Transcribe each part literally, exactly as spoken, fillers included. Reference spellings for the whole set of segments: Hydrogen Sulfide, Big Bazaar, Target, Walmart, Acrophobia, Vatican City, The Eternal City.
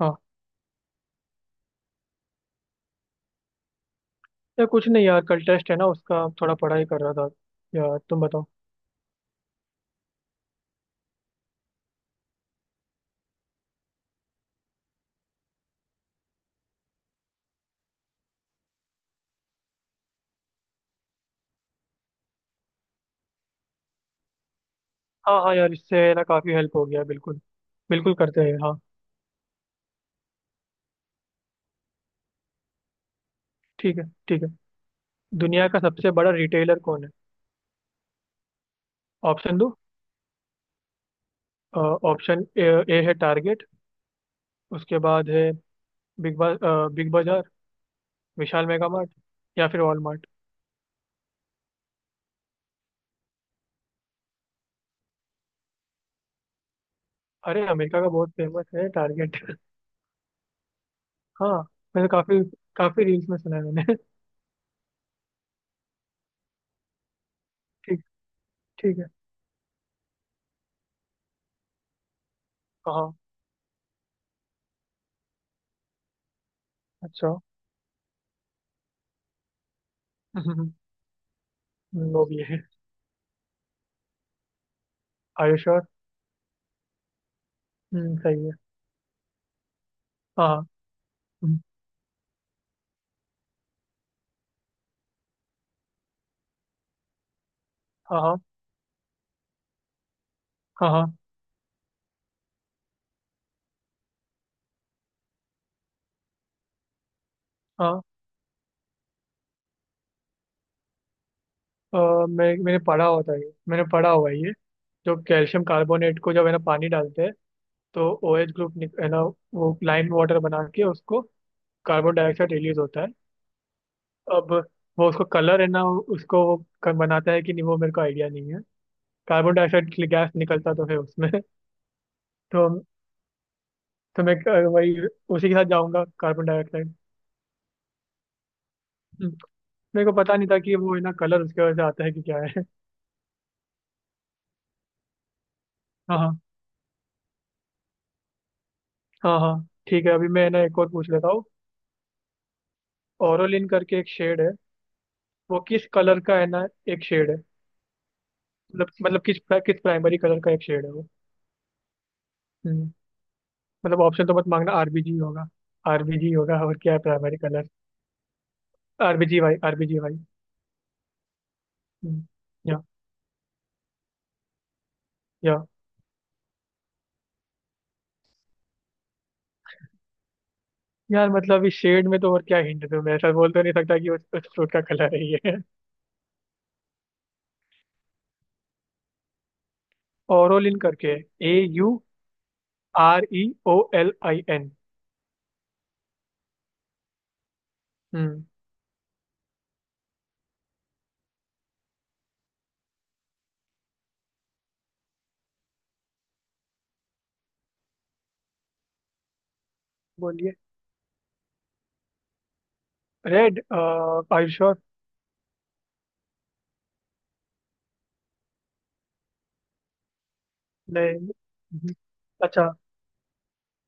हाँ। यार कुछ नहीं, यार कल टेस्ट है ना, उसका थोड़ा पढ़ाई कर रहा था। यार तुम बताओ। हाँ हाँ यार, इससे ना काफ़ी हेल्प हो गया, बिल्कुल। बिल्कुल करते हैं, हाँ। ठीक है, ठीक है। दुनिया का सबसे बड़ा रिटेलर कौन है? ऑप्शन दो। ऑप्शन ए, ए है टारगेट। उसके बाद है बिग बा, अ, big Bazaar, Vishal mega mart, या फिर वॉलमार्ट। अरे अमेरिका का बहुत फेमस है टारगेट हाँ मैंने काफ़ी काफ़ी रील्स में सुना है मैंने ठीक, ठीक है। हाँ अच्छा। हम्म, वो भी है, आयुष और हम्म सही है। हाँ। हम्म। हाँ हाँ हाँ हाँ। हाँ हाँ, अ, मैं मैंने पढ़ा होता है ये। मैंने पढ़ा हुआ है ये। जो कैल्शियम कार्बोनेट को जब है ना पानी डालते हैं, तो ओ एच ग्रुप निक- है ना, वो लाइम वाटर बना के उसको कार्बन डाइऑक्साइड रिलीज होता है। अब वो उसको कलर है ना, उसको वो क- बनाता है कि नहीं, वो मेरे को आइडिया नहीं है। कार्बन डाइऑक्साइड की गैस निकलता तो है उसमें तो तो मैं अ, वही उसी के साथ जाऊंगा, कार्बन डाइऑक्साइड। हम्म, मेरे को पता नहीं था कि वो है ना कलर उसके वजह से आता है कि क्या है। हाँ हाँ। हाँ हाँ ठीक है, अभी मैं ना एक और पूछ लेता हूँ। ओरोलिन करके एक शेड है, वो किस कलर का है ना, एक शेड है। मतलब मतलब किस किस प्राइमरी कलर का एक शेड है वो। हम्म, मतलब ऑप्शन तो मत मांगना, आरबीजी होगा। आरबीजी होगा, और क्या है primary colour? RBG Y, RBG Y. हम्म, या या यार मतलब इस शेड में तो और क्या हिंट दूं मैं? ऐसा बोल तो नहीं सकता कि उस, उस फ्रूट का कलर है ये। ओरोलिन करके A U R E O L I N. हम्म। बोलिए। रेड, आयुष। नहीं। हम्म, अच्छा,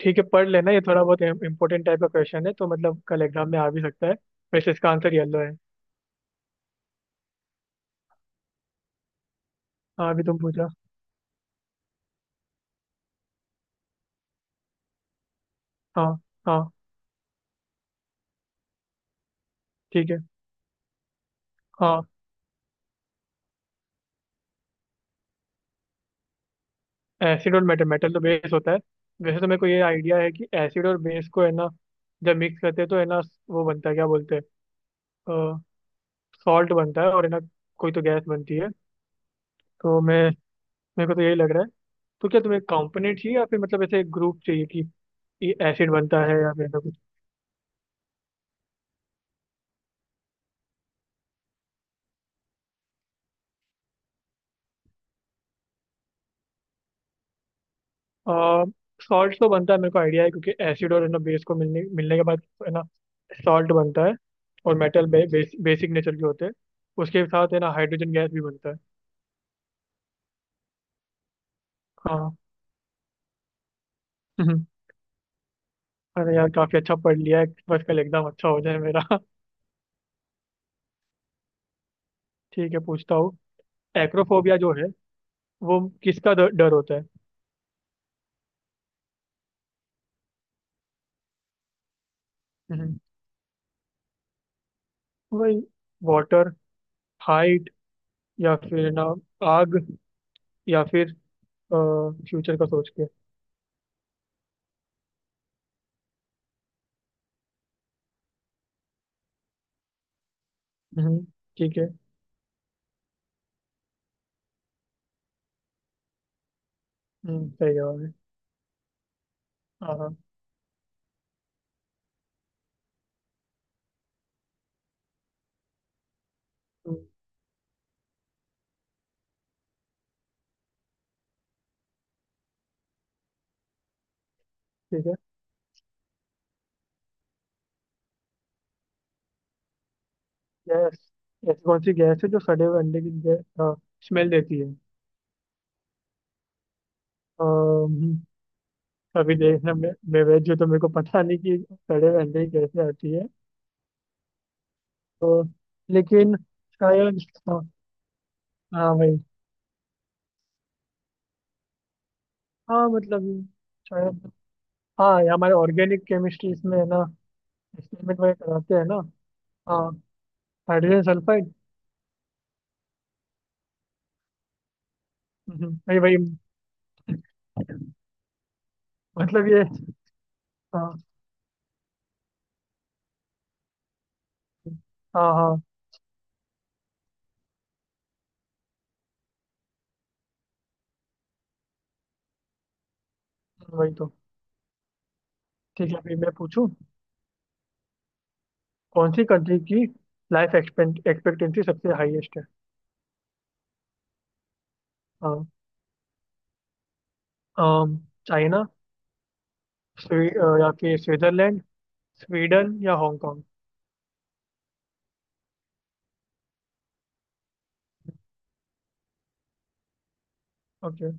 ठीक है पढ़ लेना, ये थोड़ा बहुत इंपॉर्टेंट टाइप का क्वेश्चन है, तो मतलब कल एग्जाम में आ भी सकता है। वैसे इसका आंसर येलो है। हाँ, अभी तुम पूछा। हाँ हाँ। ठीक है। हाँ। एसिड और मेटल, मेटल तो बेस होता है। वैसे तो मेरे को ये आइडिया है कि एसिड और बेस को है ना जब मिक्स करते हैं तो है ना वो बनता है क्या बोलते हैं, सॉल्ट बनता है और है ना कोई तो गैस बनती है। तो मैं, मेरे को तो यही लग रहा है। तो क्या तुम्हें कंपोनेंट चाहिए या फिर मतलब ऐसे ग्रुप चाहिए कि ये एसिड बनता है या फिर सॉल्ट तो बनता है, मेरे को आइडिया है, क्योंकि एसिड और है ना बेस को मिलने मिलने के बाद है ना सॉल्ट बनता है। और मेटल बे, बेस, बेसिक नेचर के होते हैं। उसके साथ है ना हाइड्रोजन गैस भी बनता है। हाँ। हम्म, अरे यार काफी अच्छा पढ़ लिया है, बस कल एग्जाम अच्छा हो जाए मेरा ठीक है, पूछता हूँ। एक्रोफोबिया जो है, वो किसका ड- डर होता है? हम्म, वही, वाटर, हाइट, या फिर ना आग, या फिर फ्यूचर का सोच के। हम्म। ठीक है। हम्म, सही जवाब है। हाँ हाँ। हम्म, ठीक है। गैस, ऐसी कौन सी गैस है जो सड़े हुए अंडे की स्मेल देती है? अम्म, अभी देखना, मैं मैं वेज हूँ तो मेरे को पता नहीं कि सड़े हुए अंडे की कैसे आती है। तो, लेकिन शायद। हाँ। हाँ भाई। हाँ मतलब ये, शायद। हाँ, ये हमारे ऑर्गेनिक केमिस्ट्री इसमें है ना एक्सपेरिमेंट वगैरह कराते हैं ना। हाँ। Hydrogen sulphide. हम्म, भाई भाई, मतलब ये। हाँ हाँ हाँ। वही तो। ठीक है, अभी मैं पूछूं। कौन सी कंट्री की लाइफ एक्सपेक्टेंसी सबसे हाईएस्ट है? हाँ। अम, चाइना, स्वी अ, या फिर स्विट्जरलैंड, स्वीडन, या Hong Kong. Okay,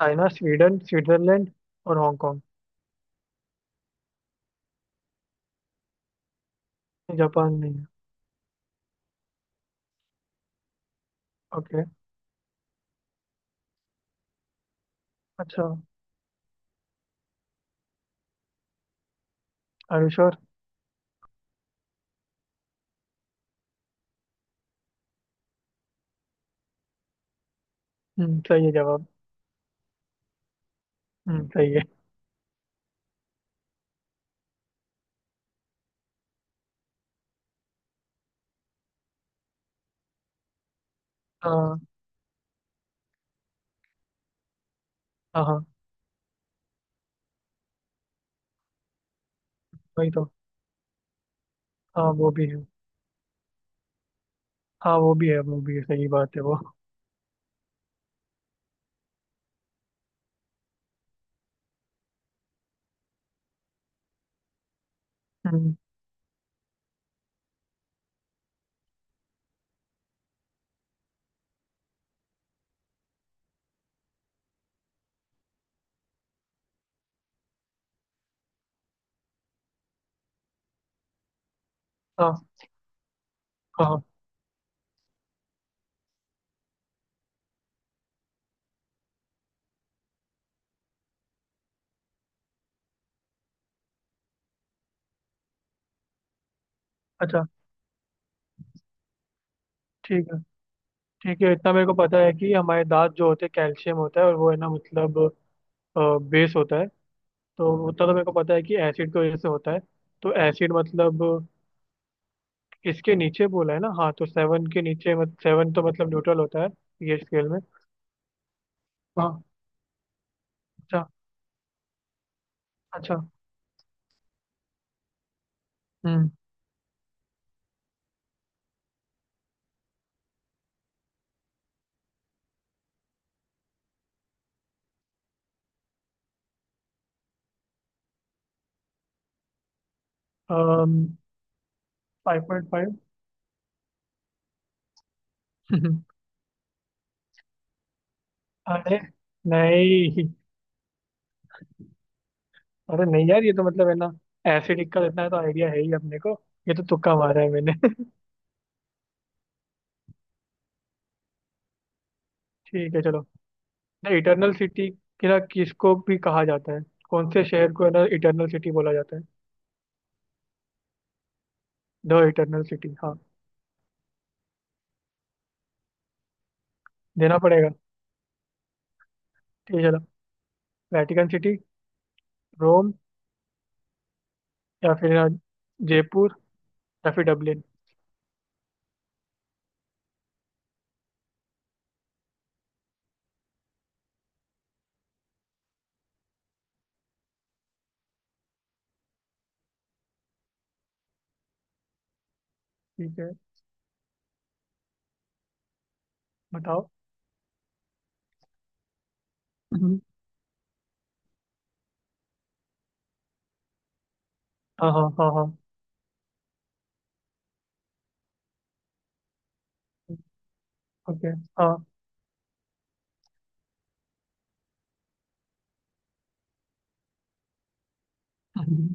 China, Sweden, Switzerland और हांगकांग। जापान नहीं है। ओके। अच्छा। Are you sure? हम्म, सही है जवाब। हम्म, सही है। हाँ हाँ। हाँ, वही तो। हाँ वो भी है। हाँ वो भी है, वो भी है, सही बात है वो। हम्म। हाँ हाँ हाँ, अच्छा, ठीक है। ठीक है, इतना मेरे को पता है कि हमारे दांत जो होते हैं, कैल्शियम होता है, और वो है ना मतलब बेस होता है। तो उतना तो मेरे को पता है कि एसिड की वजह से होता है। तो एसिड मतलब, इसके नीचे बोला है ना, हाँ, तो सेवन के नीचे, मत सेवन तो मतलब न्यूट्रल होता है पीएच स्केल में। हाँ। अच्छा। अच्छा। हम्म। Five point five. अरे नहीं। अरे नहीं यार, ये तो मतलब है ना एसिडिक का इतना तो आइडिया है ही अपने को। ये तो तुक्का मारा है मैंने ठीक है, चलो। द इटरनल सिटी ना, किसको भी कहा जाता है? कौन से शहर को है ना इटरनल सिटी बोला जाता है? द इटरनल सिटी, हाँ। देना पड़ेगा। ठीक है, चलो। वेटिकन सिटी, रोम, या फिर अ, जयपुर, या फिर डबलिन। ठीक है। बताओ। हम्म, हाँ हाँ हाँ हाँ। ओके। हाँ। हम्म।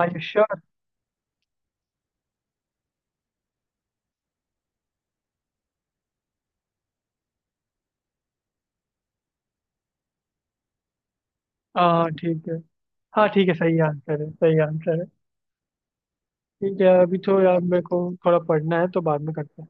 Are you sure? हाँ ठीक है। हाँ ठीक है, सही आंसर है, सही आंसर है। ठीक है, अभी तो यार मेरे को थोड़ा पढ़ना है तो बाद में करते हैं।